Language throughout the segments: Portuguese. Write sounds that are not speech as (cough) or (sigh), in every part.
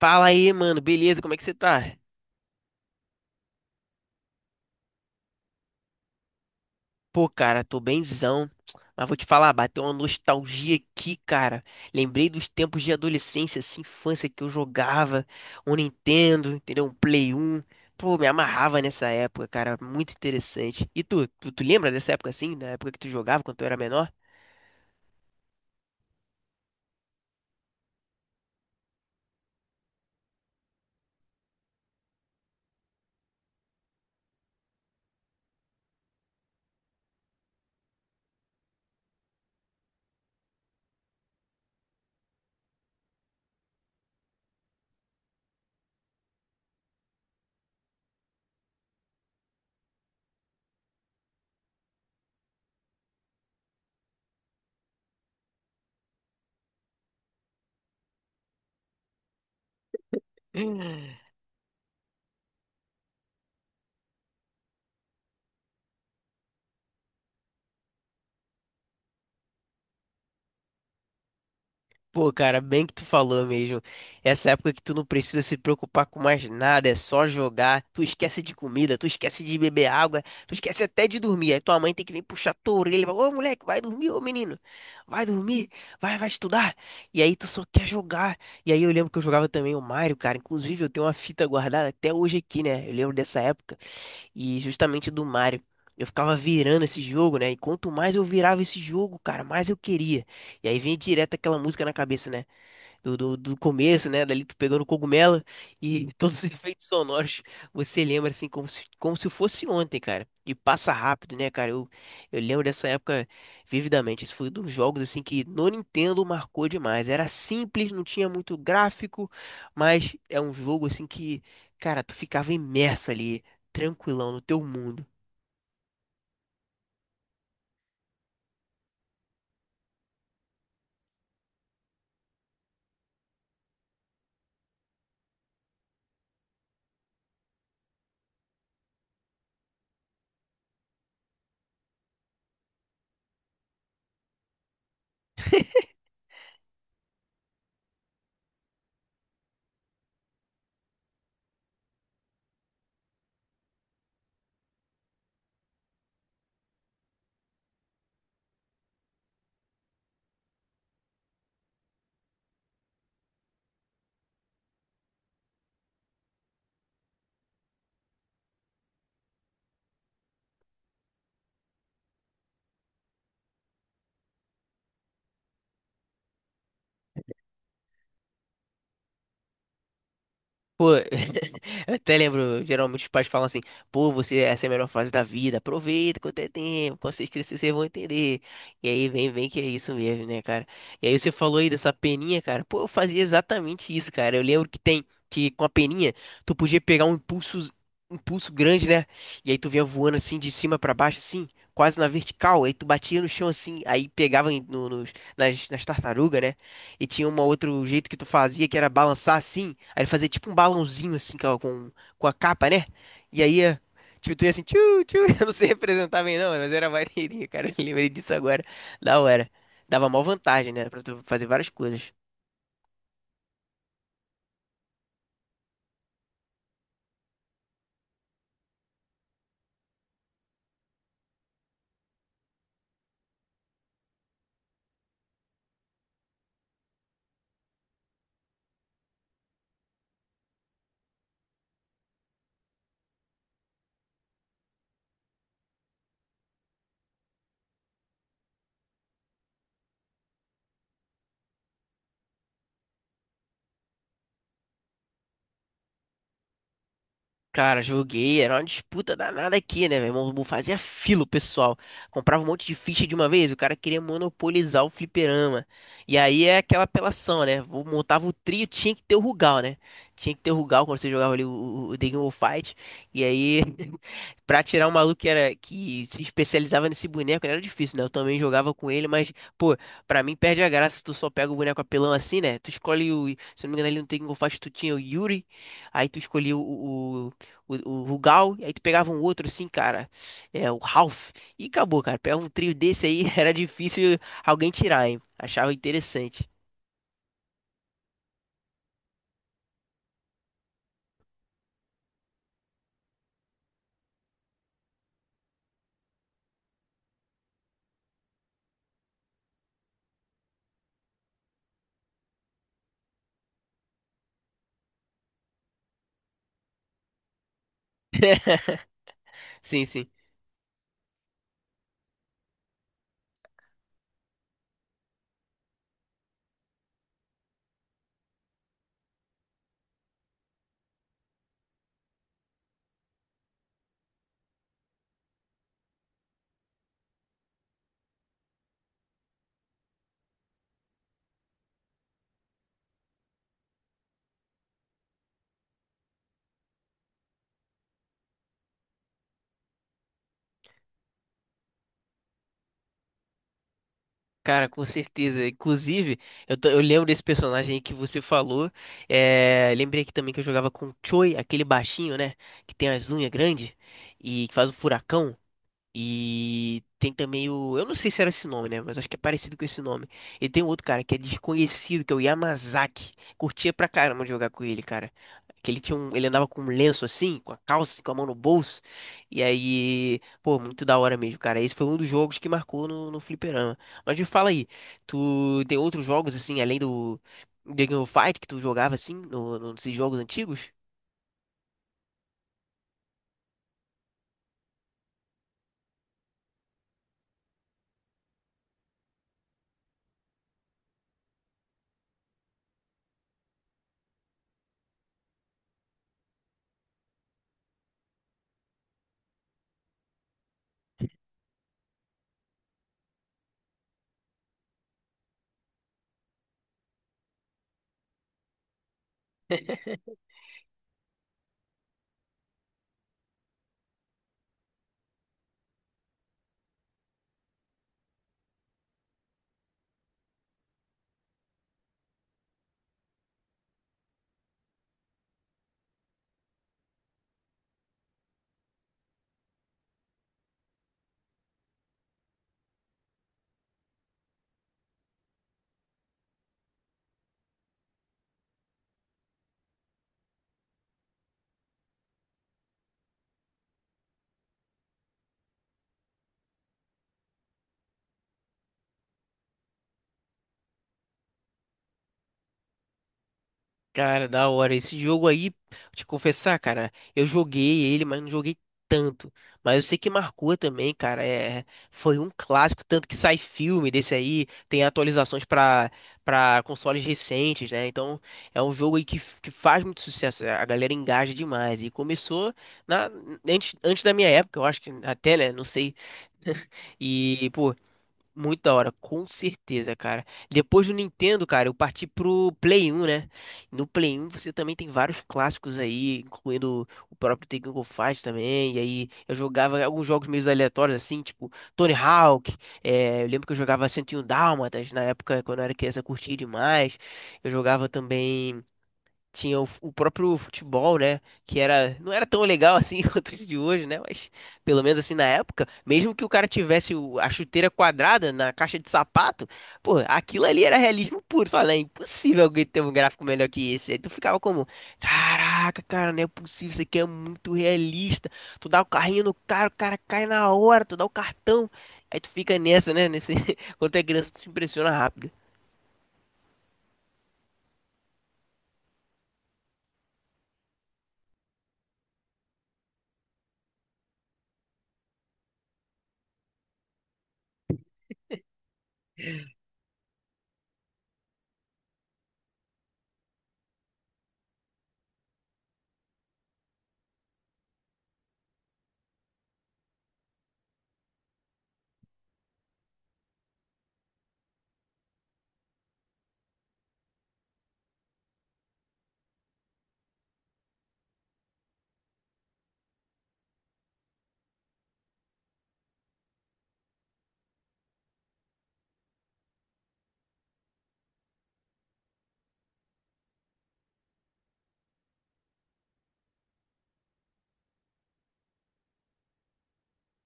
Fala aí, mano, beleza? Como é que você tá? Pô, cara, tô bemzão. Mas vou te falar, bateu uma nostalgia aqui, cara. Lembrei dos tempos de adolescência, assim, infância que eu jogava um Nintendo, entendeu? Um Play 1. Pô, me amarrava nessa época, cara, muito interessante. E tu lembra dessa época assim, da época que tu jogava quando tu era menor? Pô, cara, bem que tu falou mesmo. Essa época que tu não precisa se preocupar com mais nada, é só jogar. Tu esquece de comida, tu esquece de beber água, tu esquece até de dormir. Aí tua mãe tem que vir puxar tua orelha e falar, ô moleque, vai dormir, ô menino. Vai dormir, vai, vai estudar. E aí tu só quer jogar. E aí eu lembro que eu jogava também o Mario, cara. Inclusive eu tenho uma fita guardada até hoje aqui, né? Eu lembro dessa época e justamente do Mario. Eu ficava virando esse jogo, né? E quanto mais eu virava esse jogo, cara, mais eu queria. E aí vem direto aquela música na cabeça, né? Do começo, né? Dali tu pegando cogumelo e (laughs) todos os efeitos sonoros, você lembra assim como se fosse ontem, cara. E passa rápido, né, cara? Eu lembro dessa época vividamente. Isso foi um dos jogos assim que no Nintendo marcou demais. Era simples, não tinha muito gráfico, mas é um jogo assim que, cara, tu ficava imerso ali, tranquilão no teu mundo. Pô, (laughs) eu até lembro, geralmente os pais falam assim, pô, você, essa é a melhor fase da vida, aproveita quanto é tempo, quando vocês crescerem, vocês vão entender. E aí vem, vem que é isso mesmo, né, cara? E aí você falou aí dessa peninha, cara, pô, eu fazia exatamente isso, cara. Eu lembro que tem, que com a peninha, tu podia pegar um impulso grande, né? E aí tu vinha voando assim, de cima pra baixo, assim, quase na vertical, aí tu batia no chão assim, aí pegava em- no, nos- nas, nas tartarugas, né? E tinha um outro jeito que tu fazia, que era balançar assim. Aí ele fazia tipo um balãozinho assim com a capa, né? E aí, tipo, tu ia assim, tchu, tchu. (laughs) Eu não sei representar bem não, mas era maneirinho, cara. Eu lembrei disso agora. Da hora. Dava mó vantagem, né? Pra tu fazer várias coisas. Cara, joguei, era uma disputa danada aqui, né, meu irmão? Não fazia fila o pessoal. Comprava um monte de ficha de uma vez, o cara queria monopolizar o fliperama. E aí é aquela apelação, né? Montava o trio, tinha que ter o Rugal, né? Tinha que ter o Rugal quando você jogava ali o, o The King of Fight. E aí, (laughs) pra tirar um maluco que, era, que se especializava nesse boneco, né, era difícil, né? Eu também jogava com ele, mas, pô, pra mim perde a graça se tu só pega o boneco apelão assim, né? Tu escolhe o. Se eu não me engano, ali no The King of Fight tu tinha o Yuri, aí tu escolhia o o Rugal, e aí tu pegava um outro assim, cara, é, o Ralph, e acabou, cara. Pegava um trio desse aí, (laughs) era difícil alguém tirar, hein? Achava interessante. (laughs) Sim, sim. Cara, com certeza. Inclusive, eu lembro desse personagem aí que você falou. É, lembrei aqui também que eu jogava com o Choi, aquele baixinho, né? Que tem as unhas grandes e que faz o furacão. E tem também o. Eu não sei se era esse nome, né? Mas acho que é parecido com esse nome. E tem um outro cara que é desconhecido, que é o Yamazaki. Curtia pra caramba de jogar com ele, cara. Que ele tinha um. Ele andava com um lenço assim, com a calça, com a mão no bolso. E aí. Pô, muito da hora mesmo, cara. Esse foi um dos jogos que marcou no, no fliperama. Mas me fala aí, tu tem outros jogos assim, além do. Dragon Fight que tu jogava assim, nesses jogos antigos? Cara, da hora. Esse jogo aí, vou te confessar, cara, eu joguei ele, mas não joguei tanto. Mas eu sei que marcou também, cara. É, foi um clássico, tanto que sai filme desse aí, tem atualizações pra para consoles recentes, né? Então, é um jogo aí que, que faz muito sucesso. A galera engaja demais. E começou na, antes da minha época, eu acho que até, né? Não sei. (laughs) E, pô, muito da hora, com certeza, cara. Depois do Nintendo, cara, eu parti pro Play 1, né? No Play 1 você também tem vários clássicos aí, incluindo o próprio Tekken Go Fight também. E aí eu jogava alguns jogos meio aleatórios, assim, tipo Tony Hawk. Eu lembro que eu jogava 101 Dálmatas na época, quando eu era criança, eu curtia demais. Eu jogava também tinha o próprio futebol, né? Que era, não era tão legal assim (laughs) quanto o de hoje, né? Mas pelo menos assim na época, mesmo que o cara tivesse a chuteira quadrada na caixa de sapato, pô, aquilo ali era realismo puro. Fala, é impossível alguém ter um gráfico melhor que esse. Aí tu ficava como, caraca, cara, não é possível, isso aqui é muito realista. Tu dá o carrinho no cara, o cara cai na hora, tu dá o cartão. Aí tu fica nessa, né? Nesse, (laughs) quando tu é criança, tu se impressiona rápido.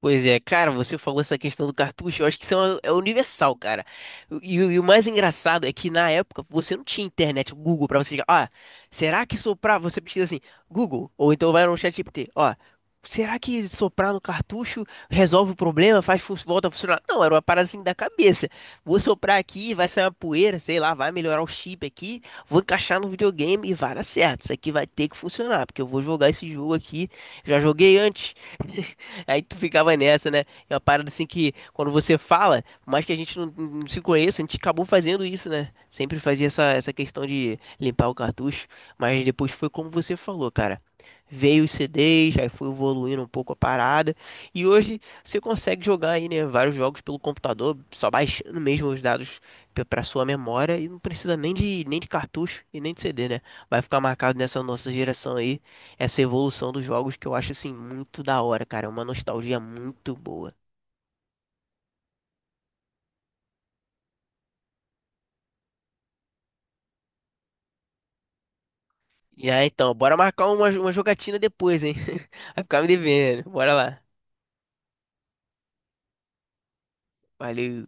Pois é, cara, você falou essa questão do cartucho, eu acho que isso é, é universal, cara. E o mais engraçado é que na época você não tinha internet, o Google, pra você chegar, ó, será que soprar, você pesquisa assim, Google, ou então vai no chat GPT, ó, será que soprar no cartucho resolve o problema, faz, volta a funcionar? Não, era uma parada assim da cabeça. Vou soprar aqui, vai sair uma poeira, sei lá, vai melhorar o chip aqui, vou encaixar no videogame e vai dar certo, isso aqui vai ter que funcionar, porque eu vou jogar esse jogo aqui, já joguei antes. Aí tu ficava nessa, né? É uma parada assim que quando você fala, por mais que a gente não se conheça, a gente acabou fazendo isso, né? Sempre fazia essa, essa questão de limpar o cartucho, mas depois foi como você falou, cara. Veio os CDs, aí foi evoluindo um pouco a parada. E hoje você consegue jogar aí, né, vários jogos pelo computador, só baixando mesmo os dados pra sua memória e não precisa nem de, nem de cartucho e nem de CD, né? Vai ficar marcado nessa nossa geração aí essa evolução dos jogos que eu acho assim muito da hora, cara. É uma nostalgia muito boa. Já então, bora marcar uma jogatina depois, hein? (laughs) Vai ficar me devendo. Bora lá. Valeu.